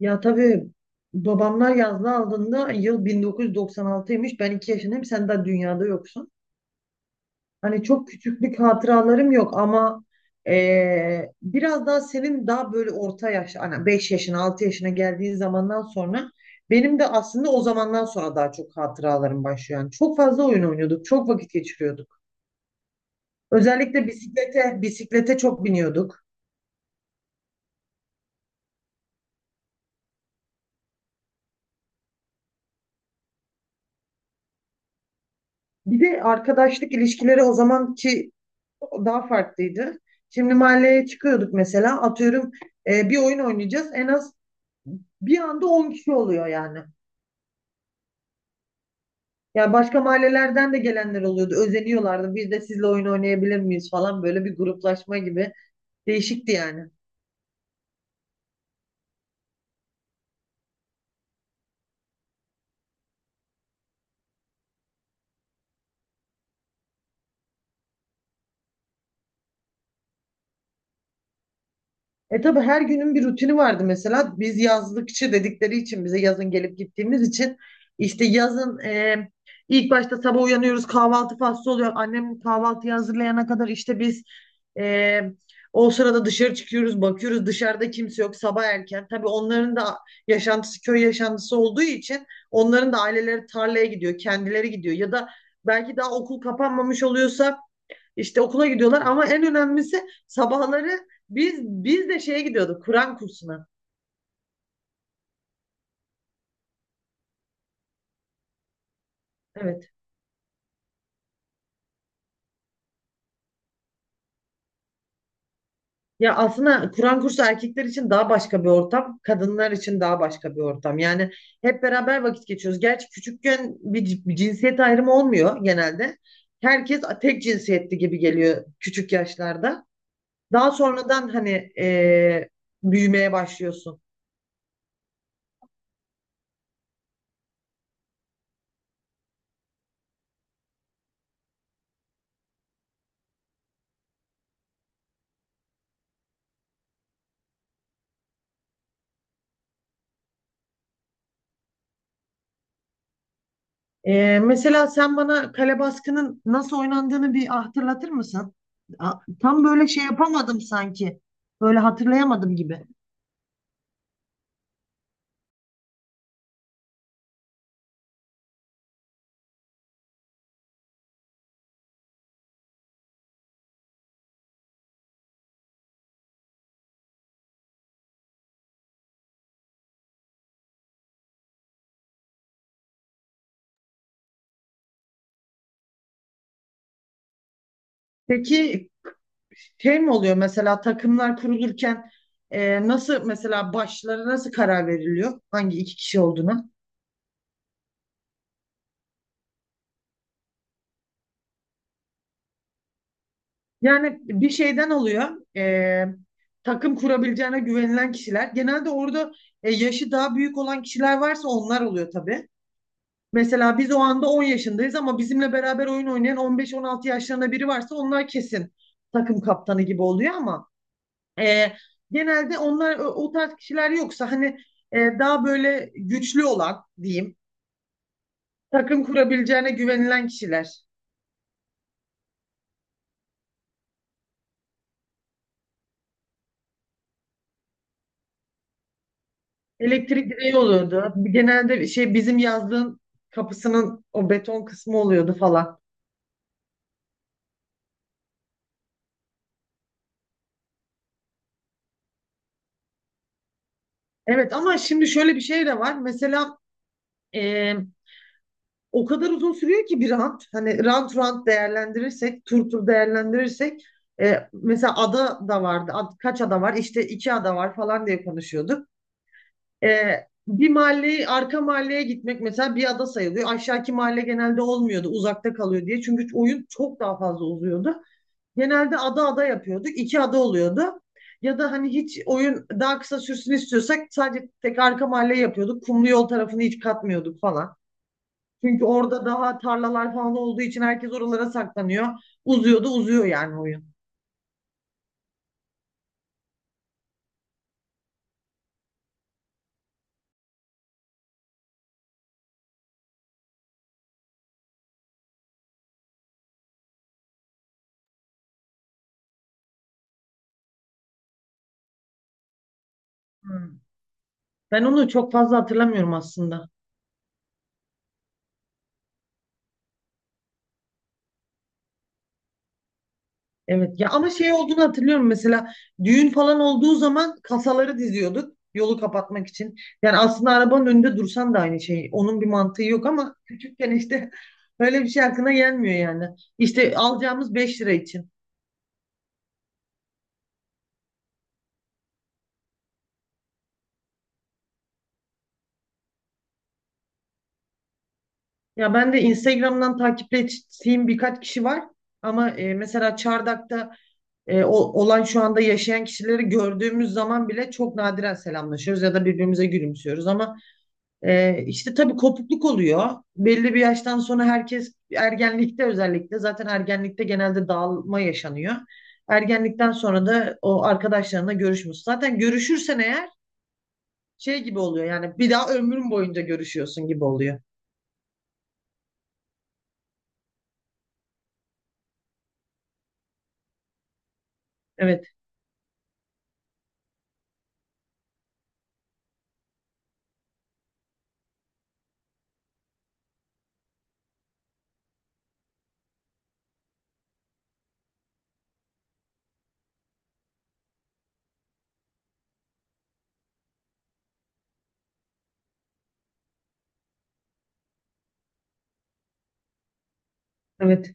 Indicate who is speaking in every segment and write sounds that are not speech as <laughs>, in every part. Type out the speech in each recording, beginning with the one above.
Speaker 1: Ya tabii babamlar yazda aldığında yıl 1996'ymış. Ben 2 yaşındayım. Sen daha dünyada yoksun. Hani çok küçüklük hatıralarım yok ama biraz daha senin daha böyle orta yaş, hani 5 yaşına 6 yaşına geldiğin zamandan sonra benim de aslında o zamandan sonra daha çok hatıralarım başlıyor. Yani çok fazla oyun oynuyorduk. Çok vakit geçiriyorduk. Özellikle bisiklete çok biniyorduk. Bir de arkadaşlık ilişkileri o zamanki daha farklıydı. Şimdi mahalleye çıkıyorduk, mesela atıyorum bir oyun oynayacağız. En az bir anda 10 kişi oluyor yani. Yani başka mahallelerden de gelenler oluyordu. Özeniyorlardı. Biz de sizle oyun oynayabilir miyiz falan, böyle bir gruplaşma gibi. Değişikti yani. E tabii her günün bir rutini vardı mesela. Biz yazlıkçı dedikleri için, bize yazın gelip gittiğimiz için işte yazın, ilk başta sabah uyanıyoruz, kahvaltı faslı oluyor. Annem kahvaltıyı hazırlayana kadar işte biz, e, o sırada dışarı çıkıyoruz, bakıyoruz dışarıda kimse yok, sabah erken. Tabii onların da yaşantısı köy yaşantısı olduğu için onların da aileleri tarlaya gidiyor, kendileri gidiyor ya da belki daha okul kapanmamış oluyorsa işte okula gidiyorlar ama en önemlisi sabahları biz de şeye gidiyorduk, Kur'an kursuna. Evet. Ya aslında Kur'an kursu erkekler için daha başka bir ortam, kadınlar için daha başka bir ortam. Yani hep beraber vakit geçiyoruz. Gerçi küçükken bir cinsiyet ayrımı olmuyor genelde. Herkes tek cinsiyetli gibi geliyor küçük yaşlarda. Daha sonradan hani e, büyümeye başlıyorsun. Mesela sen bana kale baskının nasıl oynandığını bir hatırlatır mısın? A- Tam böyle şey yapamadım sanki. Böyle hatırlayamadım gibi. Peki şey mi oluyor, mesela takımlar kurulurken nasıl, mesela başlara nasıl karar veriliyor? Hangi iki kişi olduğuna? Yani bir şeyden oluyor. e, Takım kurabileceğine güvenilen kişiler. Genelde orada yaşı daha büyük olan kişiler varsa onlar oluyor tabii. Mesela biz o anda 10 yaşındayız ama bizimle beraber oyun oynayan 15-16 yaşlarında biri varsa onlar kesin takım kaptanı gibi oluyor ama e, genelde onlar o tarz kişiler yoksa hani daha böyle güçlü olan diyeyim, takım kurabileceğine güvenilen kişiler. Elektrik direği oluyordu. Genelde şey, bizim yazdığın kapısının o beton kısmı oluyordu falan. Evet, ama şimdi şöyle bir şey de var. Mesela e, o kadar uzun sürüyor ki bir rant. Hani rant değerlendirirsek, tur değerlendirirsek mesela ada da vardı. Kaç ada var? İşte iki ada var falan diye konuşuyorduk. E, Bir mahalleyi, arka mahalleye gitmek mesela bir ada sayılıyor. Aşağıki mahalle genelde olmuyordu. Uzakta kalıyor diye. Çünkü oyun çok daha fazla uzuyordu. Genelde ada ada yapıyorduk. İki ada oluyordu. Ya da hani hiç oyun daha kısa sürsün istiyorsak sadece tek arka mahalle yapıyorduk. Kumlu yol tarafını hiç katmıyorduk falan. Çünkü orada daha tarlalar falan olduğu için herkes oralara saklanıyor. Uzuyor da uzuyor yani oyun. Hmm. Ben onu çok fazla hatırlamıyorum aslında. Evet ya, ama şey olduğunu hatırlıyorum, mesela düğün falan olduğu zaman kasaları diziyorduk yolu kapatmak için. Yani aslında arabanın önünde dursan da aynı şey. Onun bir mantığı yok ama küçükken işte <laughs> öyle bir şey aklına gelmiyor yani. İşte alacağımız 5 lira için. Ya ben de Instagram'dan takip ettiğim birkaç kişi var ama mesela Çardak'ta, olan şu anda yaşayan kişileri gördüğümüz zaman bile çok nadiren selamlaşıyoruz ya da birbirimize gülümsüyoruz ama işte tabii kopukluk oluyor. Belli bir yaştan sonra herkes ergenlikte, özellikle zaten ergenlikte genelde dağılma yaşanıyor. Ergenlikten sonra da o arkadaşlarına görüşmüyorsun. Zaten görüşürsen eğer şey gibi oluyor yani, bir daha ömrün boyunca görüşüyorsun gibi oluyor. Evet, evet.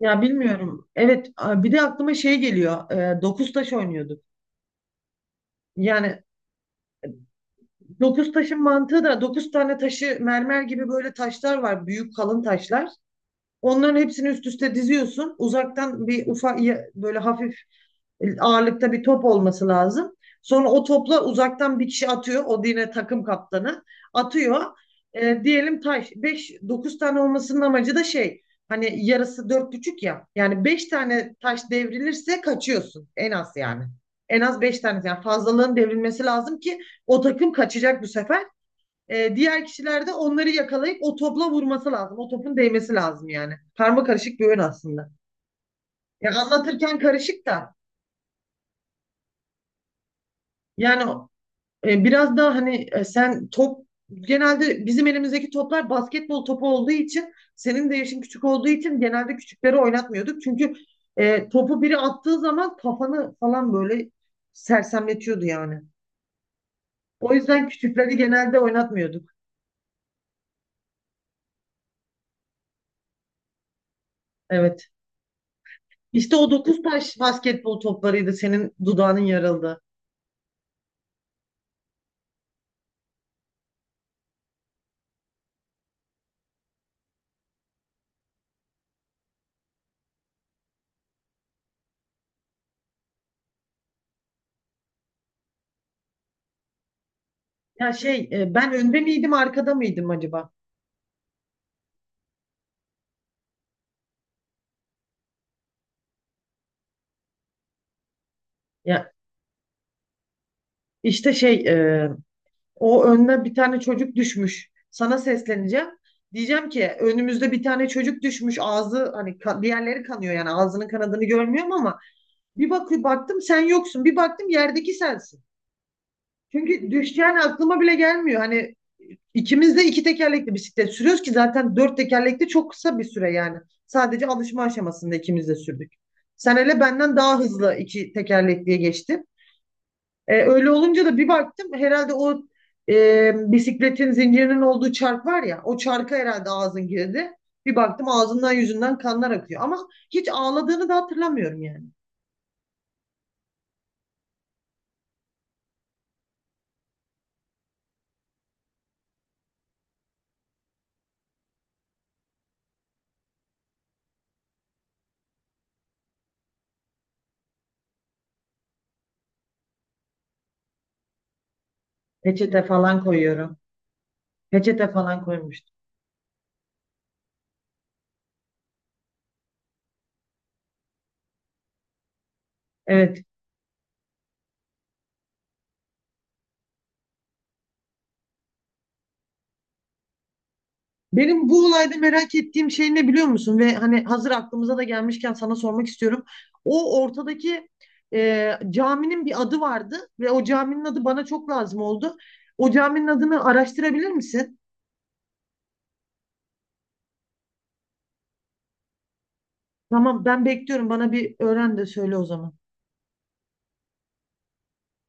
Speaker 1: Ya bilmiyorum. Evet, bir de aklıma şey geliyor. Dokuz taş oynuyorduk. Yani dokuz taşın mantığı da, dokuz tane taşı, mermer gibi böyle taşlar var. Büyük kalın taşlar. Onların hepsini üst üste diziyorsun. Uzaktan bir ufak, böyle hafif ağırlıkta bir top olması lazım. Sonra o topla uzaktan bir kişi atıyor. O yine takım kaptanı atıyor. E, diyelim taş beş, 9 tane olmasının amacı da şey, hani yarısı dört buçuk ya. Yani beş tane taş devrilirse kaçıyorsun en az yani. En az beş tane, yani fazlalığın devrilmesi lazım ki o takım kaçacak bu sefer. E, diğer kişiler de onları yakalayıp o topla vurması lazım. O topun değmesi lazım yani. Karma karışık bir oyun aslında. Ya anlatırken karışık da yani, biraz daha hani, sen top, genelde bizim elimizdeki toplar basketbol topu olduğu için, senin de yaşın küçük olduğu için genelde küçükleri oynatmıyorduk. Çünkü topu biri attığı zaman kafanı falan böyle sersemletiyordu yani. O yüzden küçükleri genelde oynatmıyorduk. Evet. İşte o dokuz taş basketbol toplarıydı senin dudağının yarıldığı. Ya şey ben önde miydim arkada mıydım acaba? Ya işte şey, o önüne bir tane çocuk düşmüş. Sana sesleneceğim. Diyeceğim ki önümüzde bir tane çocuk düşmüş. Ağzı hani, diğerleri kanıyor yani, ağzının kanadını görmüyorum ama bir bakıyor baktım sen yoksun. Bir baktım yerdeki sensin. Çünkü düşeceğini aklıma bile gelmiyor. Hani ikimiz de iki tekerlekli bisiklet sürüyoruz ki, zaten dört tekerlekli çok kısa bir süre yani. Sadece alışma aşamasında ikimiz de sürdük. Sen hele benden daha hızlı iki tekerlekliye geçtin. Öyle olunca da bir baktım, herhalde o bisikletin zincirinin olduğu çark var ya, o çarka herhalde ağzın girdi. Bir baktım ağzından yüzünden kanlar akıyor. Ama hiç ağladığını da hatırlamıyorum yani. Peçete falan koyuyorum. Peçete falan koymuştum. Evet. Benim bu olayda merak ettiğim şey ne biliyor musun? Ve hani hazır aklımıza da gelmişken sana sormak istiyorum. O ortadaki caminin bir adı vardı ve o caminin adı bana çok lazım oldu. O caminin adını araştırabilir misin? Tamam, ben bekliyorum. Bana bir öğren de söyle o zaman.